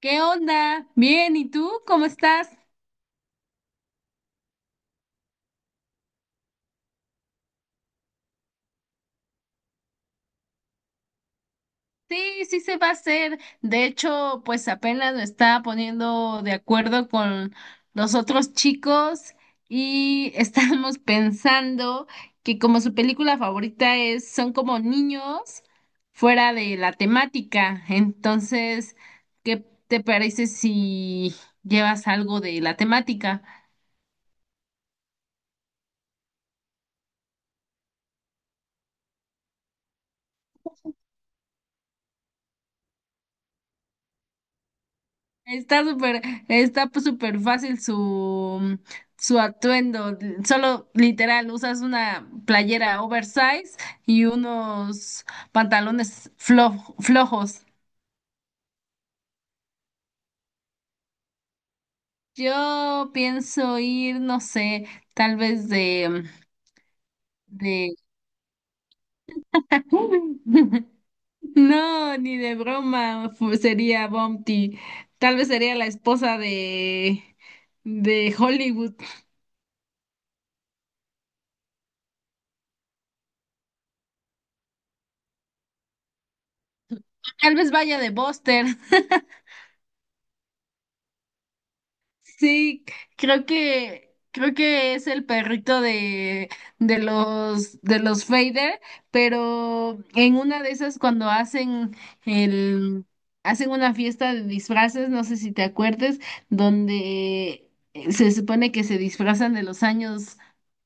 ¿Qué onda? Bien, ¿y tú cómo estás? Sí, sí se va a hacer. De hecho, pues apenas me estaba poniendo de acuerdo con los otros chicos y estábamos pensando que como su película favorita es, son como niños fuera de la temática. Entonces, ¿qué te parece si llevas algo de la temática? Está súper, está pues, súper fácil su atuendo. Solo literal, usas una playera oversize y unos pantalones flojos. Yo pienso ir, no sé, tal vez de. No, ni de broma sería Bumpty. Tal vez sería la esposa de Hollywood. Tal vez vaya de Buster. Sí, creo que es el perrito de los Fader, pero en una de esas cuando hacen el hacen una fiesta de disfraces, no sé si te acuerdes, donde se supone que se disfrazan de los años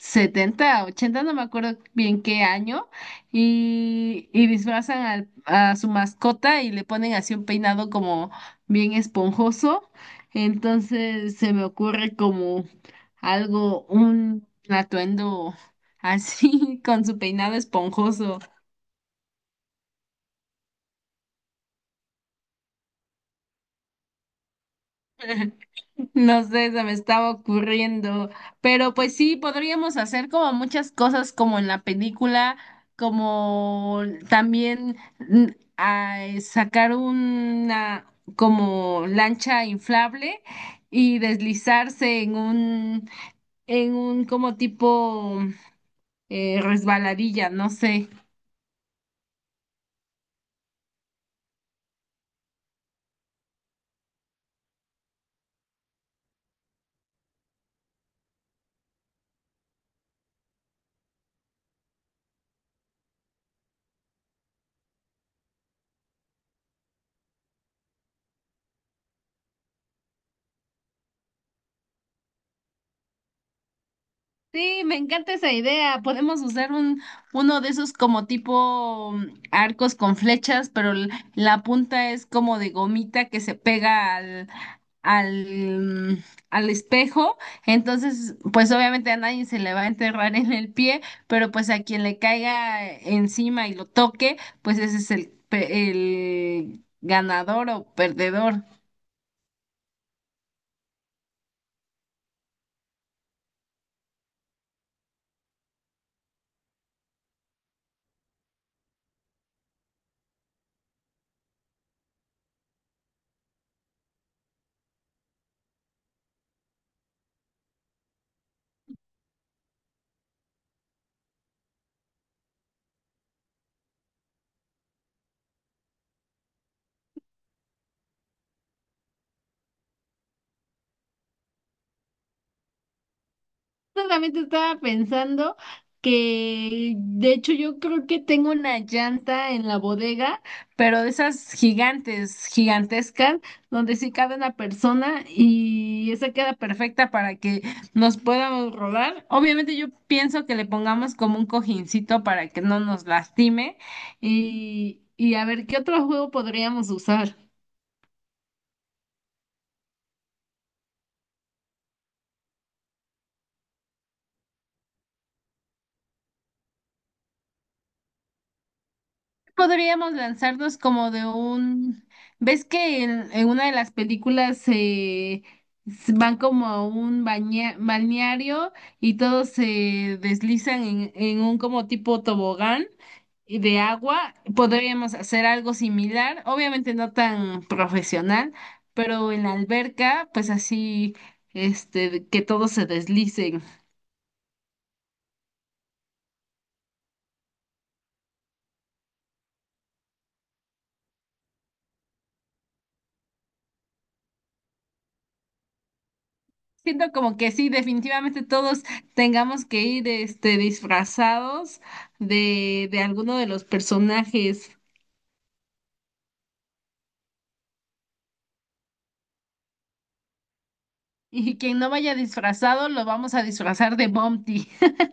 70 ochenta, no me acuerdo bien qué año, y disfrazan a su mascota y le ponen así un peinado como bien esponjoso. Entonces se me ocurre como algo, un atuendo así con su peinado esponjoso. No sé, se me estaba ocurriendo, pero pues sí, podríamos hacer como muchas cosas como en la película, como también sacar una como lancha inflable y deslizarse en un como tipo resbaladilla, no sé. Sí, me encanta esa idea. Podemos usar uno de esos como tipo arcos con flechas, pero la punta es como de gomita que se pega al, mm, al espejo. Entonces, pues obviamente a nadie se le va a enterrar en el pie, pero pues a quien le caiga encima y lo toque, pues ese es el ganador o perdedor. Solamente estaba pensando que, de hecho, yo creo que tengo una llanta en la bodega, pero de esas gigantes, gigantescas, donde sí cabe una persona y esa queda perfecta para que nos podamos rodar. Obviamente yo pienso que le pongamos como un cojincito para que no nos lastime y a ver qué otro juego podríamos usar. Podríamos lanzarnos como de un. ¿Ves que en una de las películas van como a un balneario y todos se deslizan en un como tipo tobogán y de agua? Podríamos hacer algo similar, obviamente no tan profesional, pero en la alberca, pues así, este, que todos se deslicen. Siento como que sí, definitivamente todos tengamos que ir este, disfrazados de alguno de los personajes. Y quien no vaya disfrazado, lo vamos a disfrazar de Bumpty.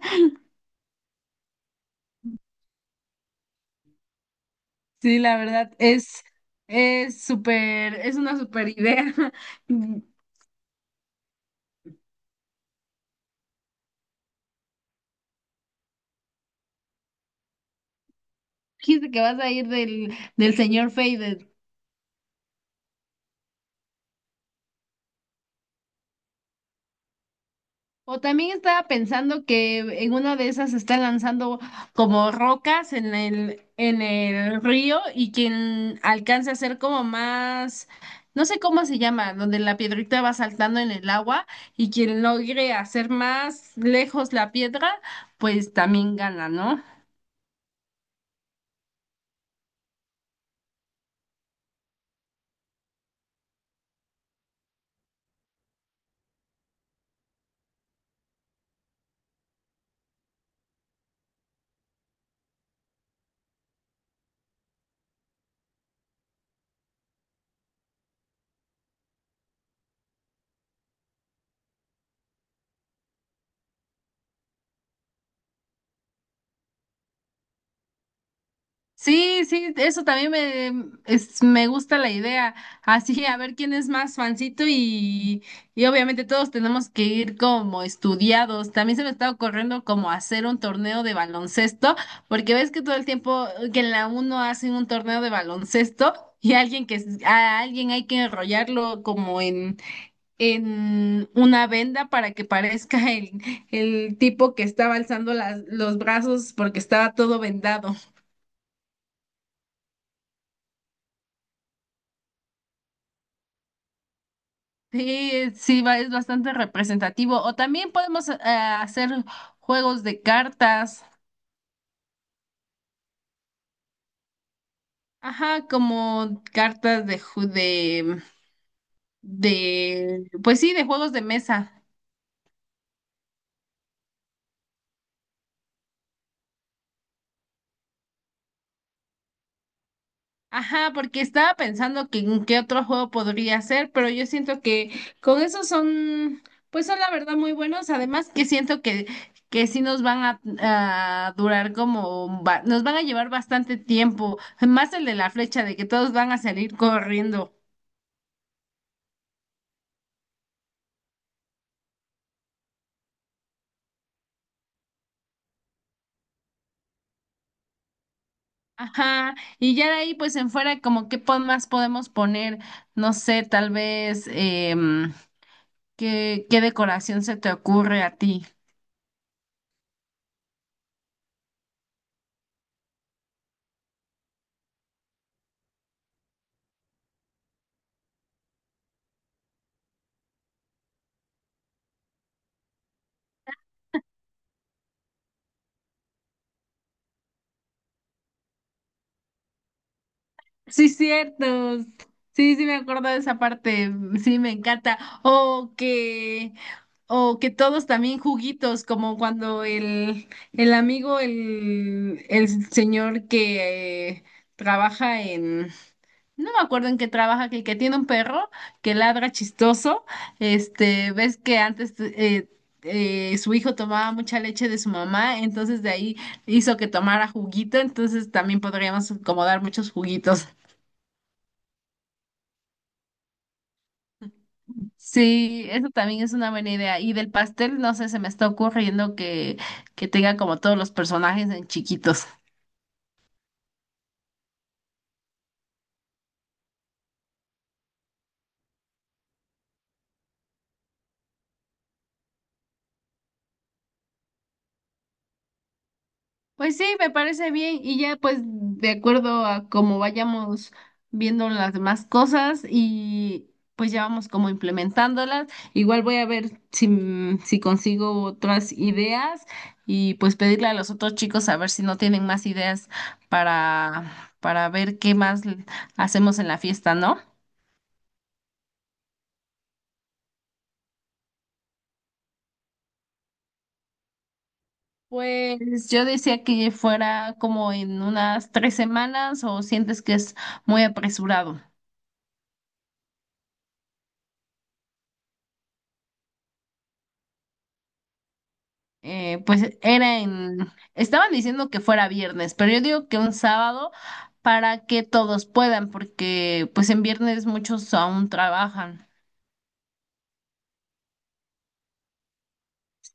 Sí, la verdad, es súper, es una súper idea. Dijiste que vas a ir del señor Fade. O también estaba pensando que en una de esas están lanzando como rocas en el río y quien alcance a ser como más, no sé cómo se llama, donde la piedrita va saltando en el agua y quien logre hacer más lejos la piedra, pues también gana, ¿no? Sí, sí, eso también me gusta la idea. Así, a ver quién es más fancito y obviamente todos tenemos que ir como estudiados. También se me está ocurriendo como hacer un torneo de baloncesto, porque ves que todo el tiempo que en la uno hacen un torneo de baloncesto y alguien que a alguien hay que enrollarlo como en una venda para que parezca el tipo que estaba alzando las, los brazos porque estaba todo vendado. Sí, sí, es bastante representativo. O también podemos hacer juegos de cartas. Ajá, como cartas de, pues sí, de juegos de mesa. Ajá, porque estaba pensando que en qué otro juego podría ser, pero yo siento que con esos son, pues son la verdad muy buenos. Además que siento que sí nos van a durar como, nos van a llevar bastante tiempo. Más el de la flecha, de que todos van a salir corriendo. Ajá, y ya de ahí pues en fuera como qué más podemos poner, no sé, tal vez qué decoración se te ocurre a ti. Sí, cierto. Sí, sí me acuerdo de esa parte, sí me encanta. O que, o que todos también juguitos, como cuando el amigo, el señor que trabaja. No me acuerdo en qué trabaja, que, el que tiene un perro que ladra chistoso. Este, ves que antes su hijo tomaba mucha leche de su mamá, entonces de ahí hizo que tomara juguito, entonces también podríamos como dar muchos juguitos. Sí, eso también es una buena idea. Y del pastel, no sé, se me está ocurriendo que tenga como todos los personajes en chiquitos. Pues sí, me parece bien y ya pues de acuerdo a cómo vayamos viendo las demás cosas y pues ya vamos como implementándolas. Igual voy a ver si consigo otras ideas y pues pedirle a los otros chicos a ver si no tienen más ideas para, para ver qué más hacemos en la fiesta, ¿no? Pues yo decía que fuera como en unas 3 semanas o sientes que es muy apresurado. Pues estaban diciendo que fuera viernes, pero yo digo que un sábado para que todos puedan, porque pues en viernes muchos aún trabajan.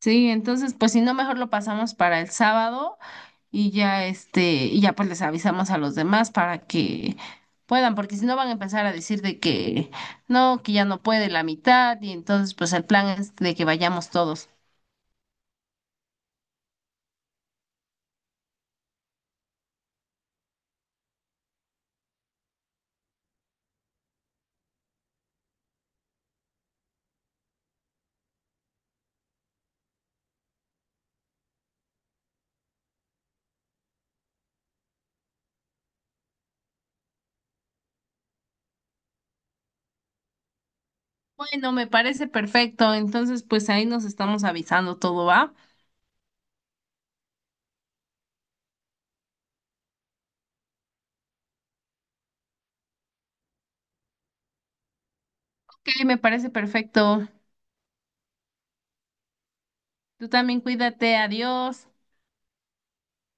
Sí, entonces pues si no, mejor lo pasamos para el sábado y ya pues les avisamos a los demás para que puedan, porque si no van a empezar a decir de que no, que ya no puede la mitad y entonces pues el plan es de que vayamos todos. Bueno, me parece perfecto, entonces pues ahí nos estamos avisando todo, ¿va? Ok, me parece perfecto. Tú también cuídate, adiós.